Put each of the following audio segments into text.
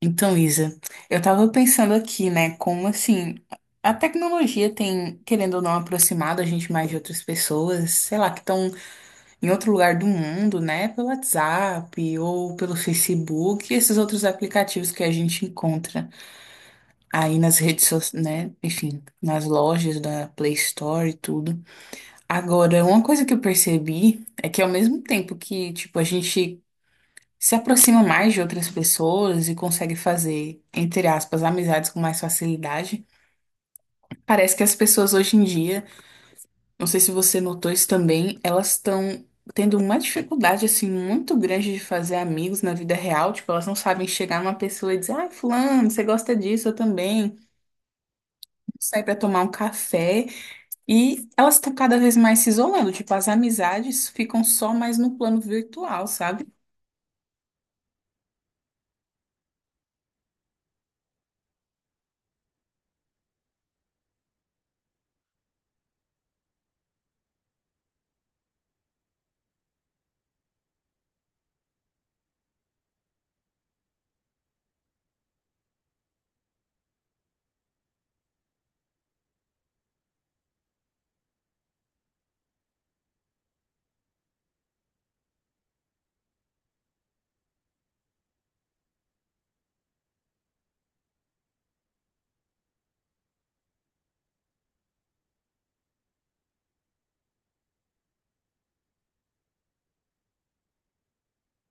Então, Isa, eu tava pensando aqui, né, como assim, a tecnologia tem, querendo ou não, aproximado a gente mais de outras pessoas, sei lá, que estão em outro lugar do mundo, né, pelo WhatsApp ou pelo Facebook, e esses outros aplicativos que a gente encontra aí nas redes sociais, né, enfim, nas lojas da Play Store e tudo. Agora, uma coisa que eu percebi é que ao mesmo tempo que, tipo, a gente se aproxima mais de outras pessoas e consegue fazer, entre aspas, amizades com mais facilidade. Parece que as pessoas hoje em dia, não sei se você notou isso também, elas estão tendo uma dificuldade assim muito grande de fazer amigos na vida real, tipo, elas não sabem chegar numa pessoa e dizer: "Ah, fulano, você gosta disso, eu também." Sair para tomar um café e elas estão cada vez mais se isolando, tipo, as amizades ficam só mais no plano virtual, sabe?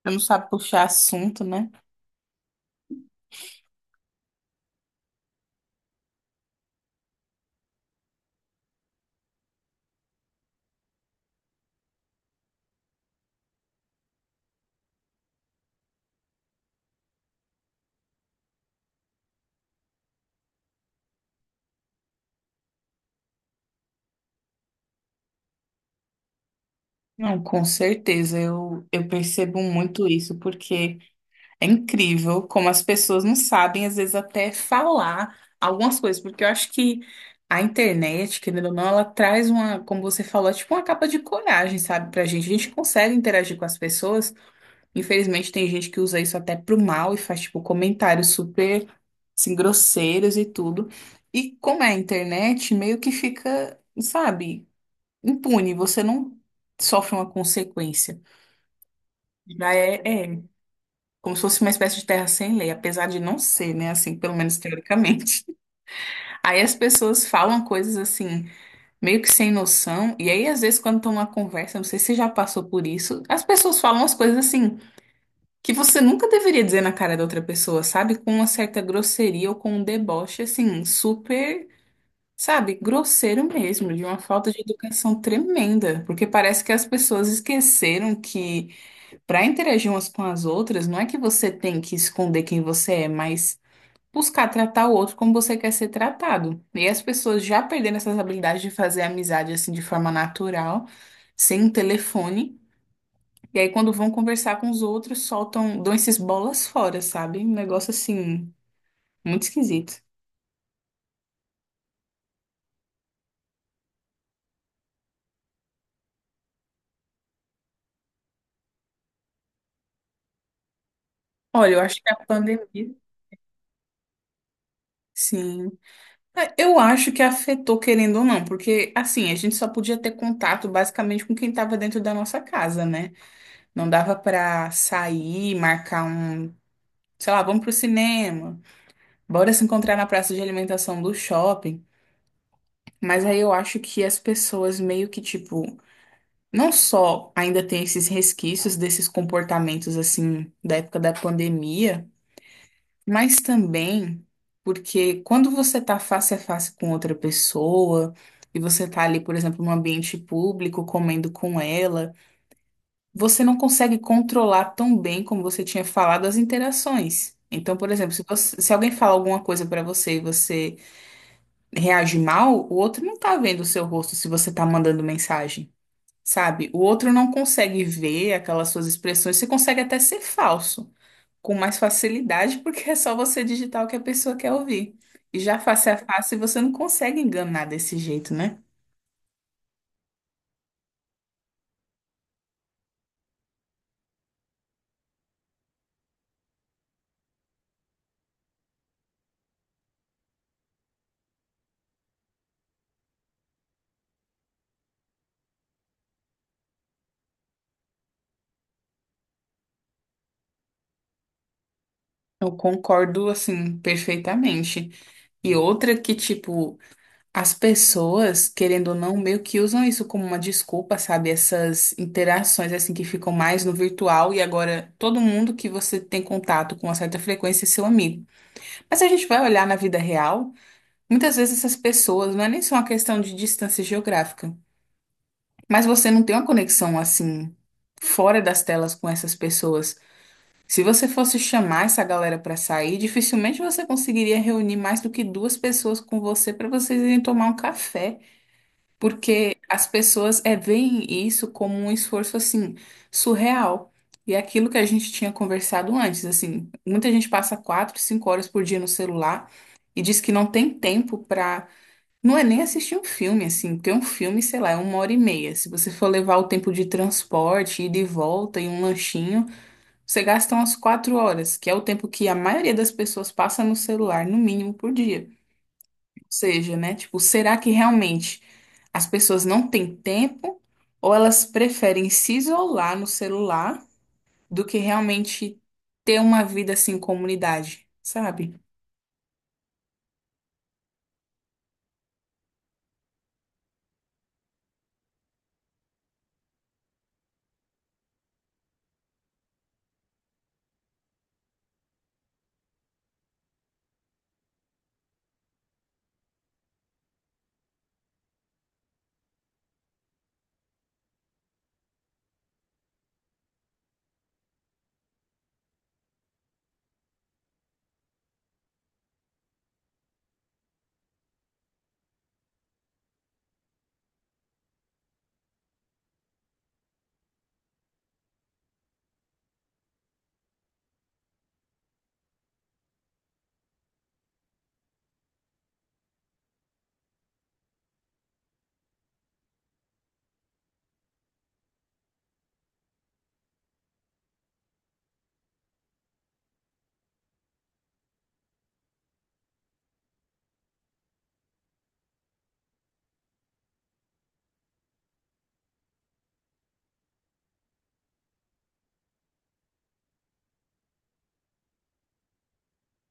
Ela não sabe puxar assunto, né? Não, com certeza, eu percebo muito isso, porque é incrível como as pessoas não sabem, às vezes, até falar algumas coisas, porque eu acho que a internet, querendo ou não, ela traz uma, como você falou, é tipo uma capa de coragem, sabe, pra gente. A gente consegue interagir com as pessoas, infelizmente, tem gente que usa isso até pro mal e faz, tipo, comentários super, assim, grosseiros e tudo. E como é a internet, meio que fica, sabe, impune, você não sofre uma consequência. Já é, é como se fosse uma espécie de terra sem lei, apesar de não ser, né? Assim, pelo menos teoricamente. Aí as pessoas falam coisas assim, meio que sem noção, e aí às vezes quando estão numa conversa, não sei se você já passou por isso, as pessoas falam as coisas assim, que você nunca deveria dizer na cara da outra pessoa, sabe? Com uma certa grosseria ou com um deboche, assim, super. Sabe, grosseiro mesmo, de uma falta de educação tremenda, porque parece que as pessoas esqueceram que para interagir umas com as outras, não é que você tem que esconder quem você é, mas buscar tratar o outro como você quer ser tratado. E as pessoas já perderam essas habilidades de fazer amizade assim de forma natural, sem telefone. E aí, quando vão conversar com os outros, soltam, dão esses bolas fora, sabe? Um negócio assim, muito esquisito. Olha, eu acho que a pandemia, sim. É, eu acho que afetou, querendo ou não, porque assim, a gente só podia ter contato basicamente com quem estava dentro da nossa casa, né? Não dava pra sair, marcar um, sei lá, vamos pro cinema, bora se encontrar na praça de alimentação do shopping. Mas aí eu acho que as pessoas meio que, tipo, não só ainda tem esses resquícios desses comportamentos, assim, da época da pandemia, mas também porque quando você tá face a face com outra pessoa e você tá ali, por exemplo, num ambiente público, comendo com ela. Você não consegue controlar tão bem como você tinha falado as interações. Então, por exemplo, se alguém fala alguma coisa pra você e você reage mal, o outro não tá vendo o seu rosto se você tá mandando mensagem, sabe? O outro não consegue ver aquelas suas expressões. Você consegue até ser falso com mais facilidade, porque é só você digitar o que a pessoa quer ouvir. E já face a face você não consegue enganar desse jeito, né? Eu concordo, assim, perfeitamente. E outra que, tipo, as pessoas, querendo ou não, meio que usam isso como uma desculpa, sabe? Essas interações assim que ficam mais no virtual e agora todo mundo que você tem contato com uma certa frequência é seu amigo. Mas se a gente vai olhar na vida real, muitas vezes essas pessoas não é nem só uma questão de distância geográfica, mas você não tem uma conexão assim fora das telas com essas pessoas. Se você fosse chamar essa galera para sair, dificilmente você conseguiria reunir mais do que duas pessoas com você para vocês irem tomar um café. Porque as pessoas é, veem isso como um esforço assim surreal. E é aquilo que a gente tinha conversado antes, assim, muita gente passa 4, 5 horas por dia no celular e diz que não tem tempo pra. Não é nem assistir um filme, assim, porque um filme, sei lá, é uma hora e meia. Se você for levar o tempo de transporte, ida e volta e um lanchinho, você gasta umas 4 horas, que é o tempo que a maioria das pessoas passa no celular, no mínimo, por dia seja, né? Tipo, será que realmente as pessoas não têm tempo ou elas preferem se isolar no celular do que realmente ter uma vida assim em comunidade, sabe?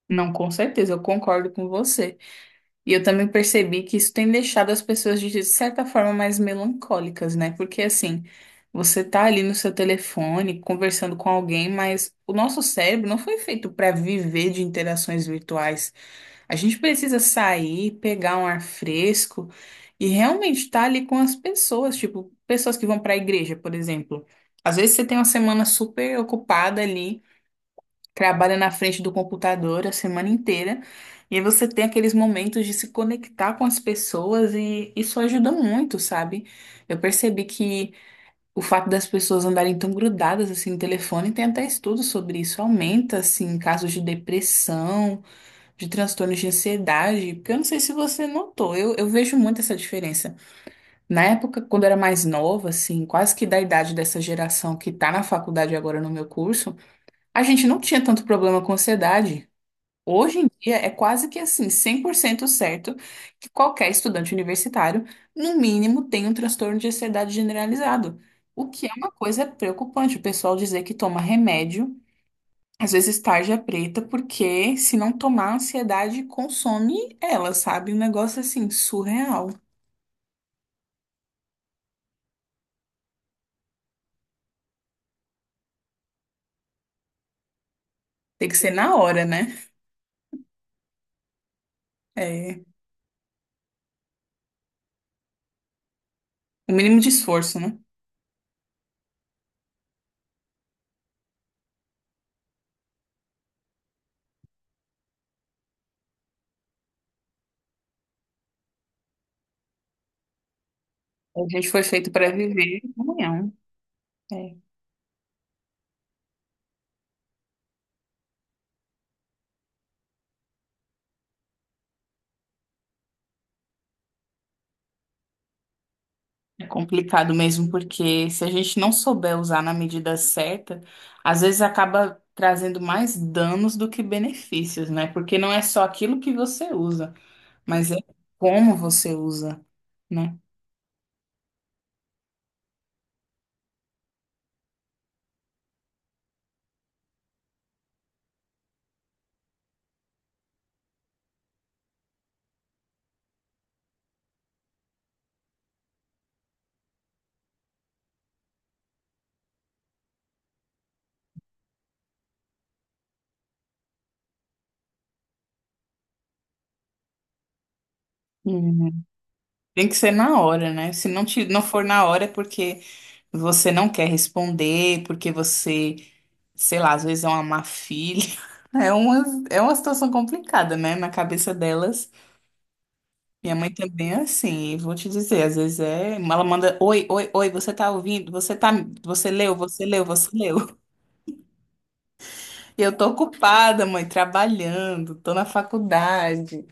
Não, com certeza, eu concordo com você. E eu também percebi que isso tem deixado as pessoas de certa forma mais melancólicas, né? Porque assim, você tá ali no seu telefone conversando com alguém, mas o nosso cérebro não foi feito para viver de interações virtuais, a gente precisa sair, pegar um ar fresco e realmente estar ali com as pessoas, tipo, pessoas que vão para a igreja, por exemplo. Às vezes você tem uma semana super ocupada ali, trabalha na frente do computador a semana inteira, e aí você tem aqueles momentos de se conectar com as pessoas e isso ajuda muito, sabe? Eu percebi que o fato das pessoas andarem tão grudadas assim no telefone, tem até estudos sobre isso, aumenta assim casos de depressão de transtornos de ansiedade, porque eu não sei se você notou, eu vejo muito essa diferença. Na época, quando eu era mais nova, assim, quase que da idade dessa geração que tá na faculdade agora no meu curso, a gente não tinha tanto problema com ansiedade. Hoje em dia é quase que assim, 100% certo que qualquer estudante universitário, no mínimo, tem um transtorno de ansiedade generalizado. O que é uma coisa preocupante, o pessoal dizer que toma remédio às vezes tarja preta, porque se não tomar, a ansiedade consome ela, sabe? Um negócio assim, surreal. Tem que ser na hora, né? É, o mínimo de esforço, né? A gente foi feito para viver amanhã. É. É complicado mesmo, porque se a gente não souber usar na medida certa, às vezes acaba trazendo mais danos do que benefícios, né? Porque não é só aquilo que você usa, mas é como você usa, né? Uhum. Tem que ser na hora, né? Se não, não for na hora é porque você não quer responder, porque você, sei lá, às vezes é uma má filha. É uma, é uma situação complicada, né? Na cabeça delas. Minha mãe também é assim, e vou te dizer, às vezes é. Ela manda, oi, oi, oi, você tá ouvindo? Você tá, você leu, você leu, você leu. E eu tô ocupada, mãe, trabalhando, tô na faculdade.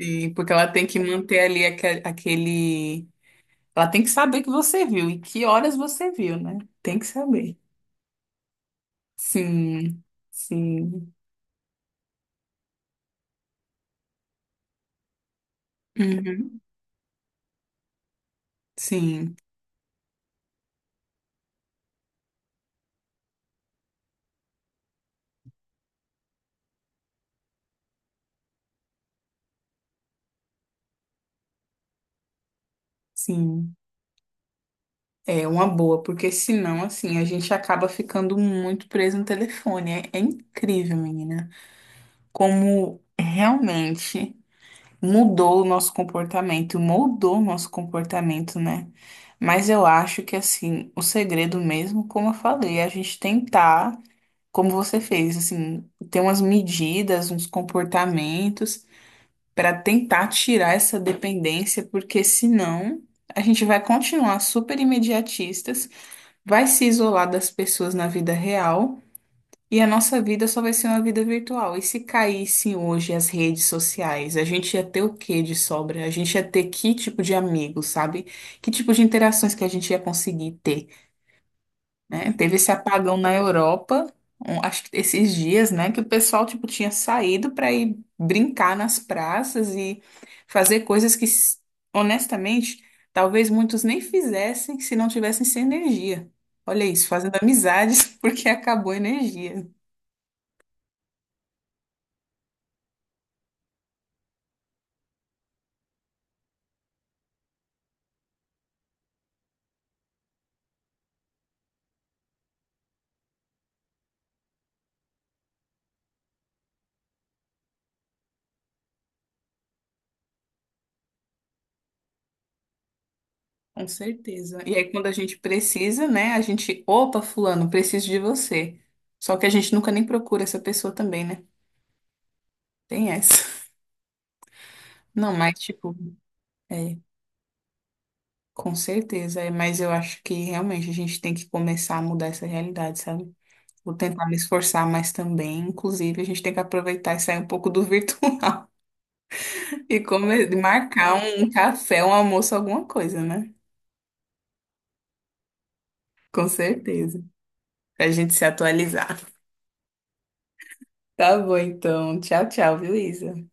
Sim, porque ela tem que manter ali aquele. Ela tem que saber que você viu e que horas você viu, né? Tem que saber. Sim, sim. Uhum. Sim, sim. É uma boa, porque senão, assim, a gente acaba ficando muito preso no telefone. É, é incrível, menina, como realmente mudou o nosso comportamento, moldou o nosso comportamento, né? Mas eu acho que, assim, o segredo mesmo, como eu falei, é a gente tentar. Como você fez, assim, ter umas medidas, uns comportamentos para tentar tirar essa dependência, porque senão a gente vai continuar super imediatistas, vai se isolar das pessoas na vida real e a nossa vida só vai ser uma vida virtual. E se caíssem hoje as redes sociais, a gente ia ter o que de sobra? A gente ia ter que tipo de amigos, sabe? Que tipo de interações que a gente ia conseguir ter? Né? Teve esse apagão na Europa, acho que esses dias, né, que o pessoal tipo tinha saído para ir brincar nas praças e fazer coisas que, honestamente, talvez muitos nem fizessem se não tivessem sem energia. Olha isso, fazendo amizades porque acabou a energia. Com certeza. E aí, quando a gente precisa, né? A gente, opa, fulano, preciso de você. Só que a gente nunca nem procura essa pessoa também, né? Tem essa. Não, mas tipo, é. Com certeza, é, mas eu acho que realmente a gente tem que começar a mudar essa realidade, sabe? Vou tentar me esforçar mas também. Inclusive, a gente tem que aproveitar e sair um pouco do virtual e marcar um café, um almoço, alguma coisa, né? Com certeza. Pra gente se atualizar. Tá bom, então. Tchau, tchau, viu, Isa?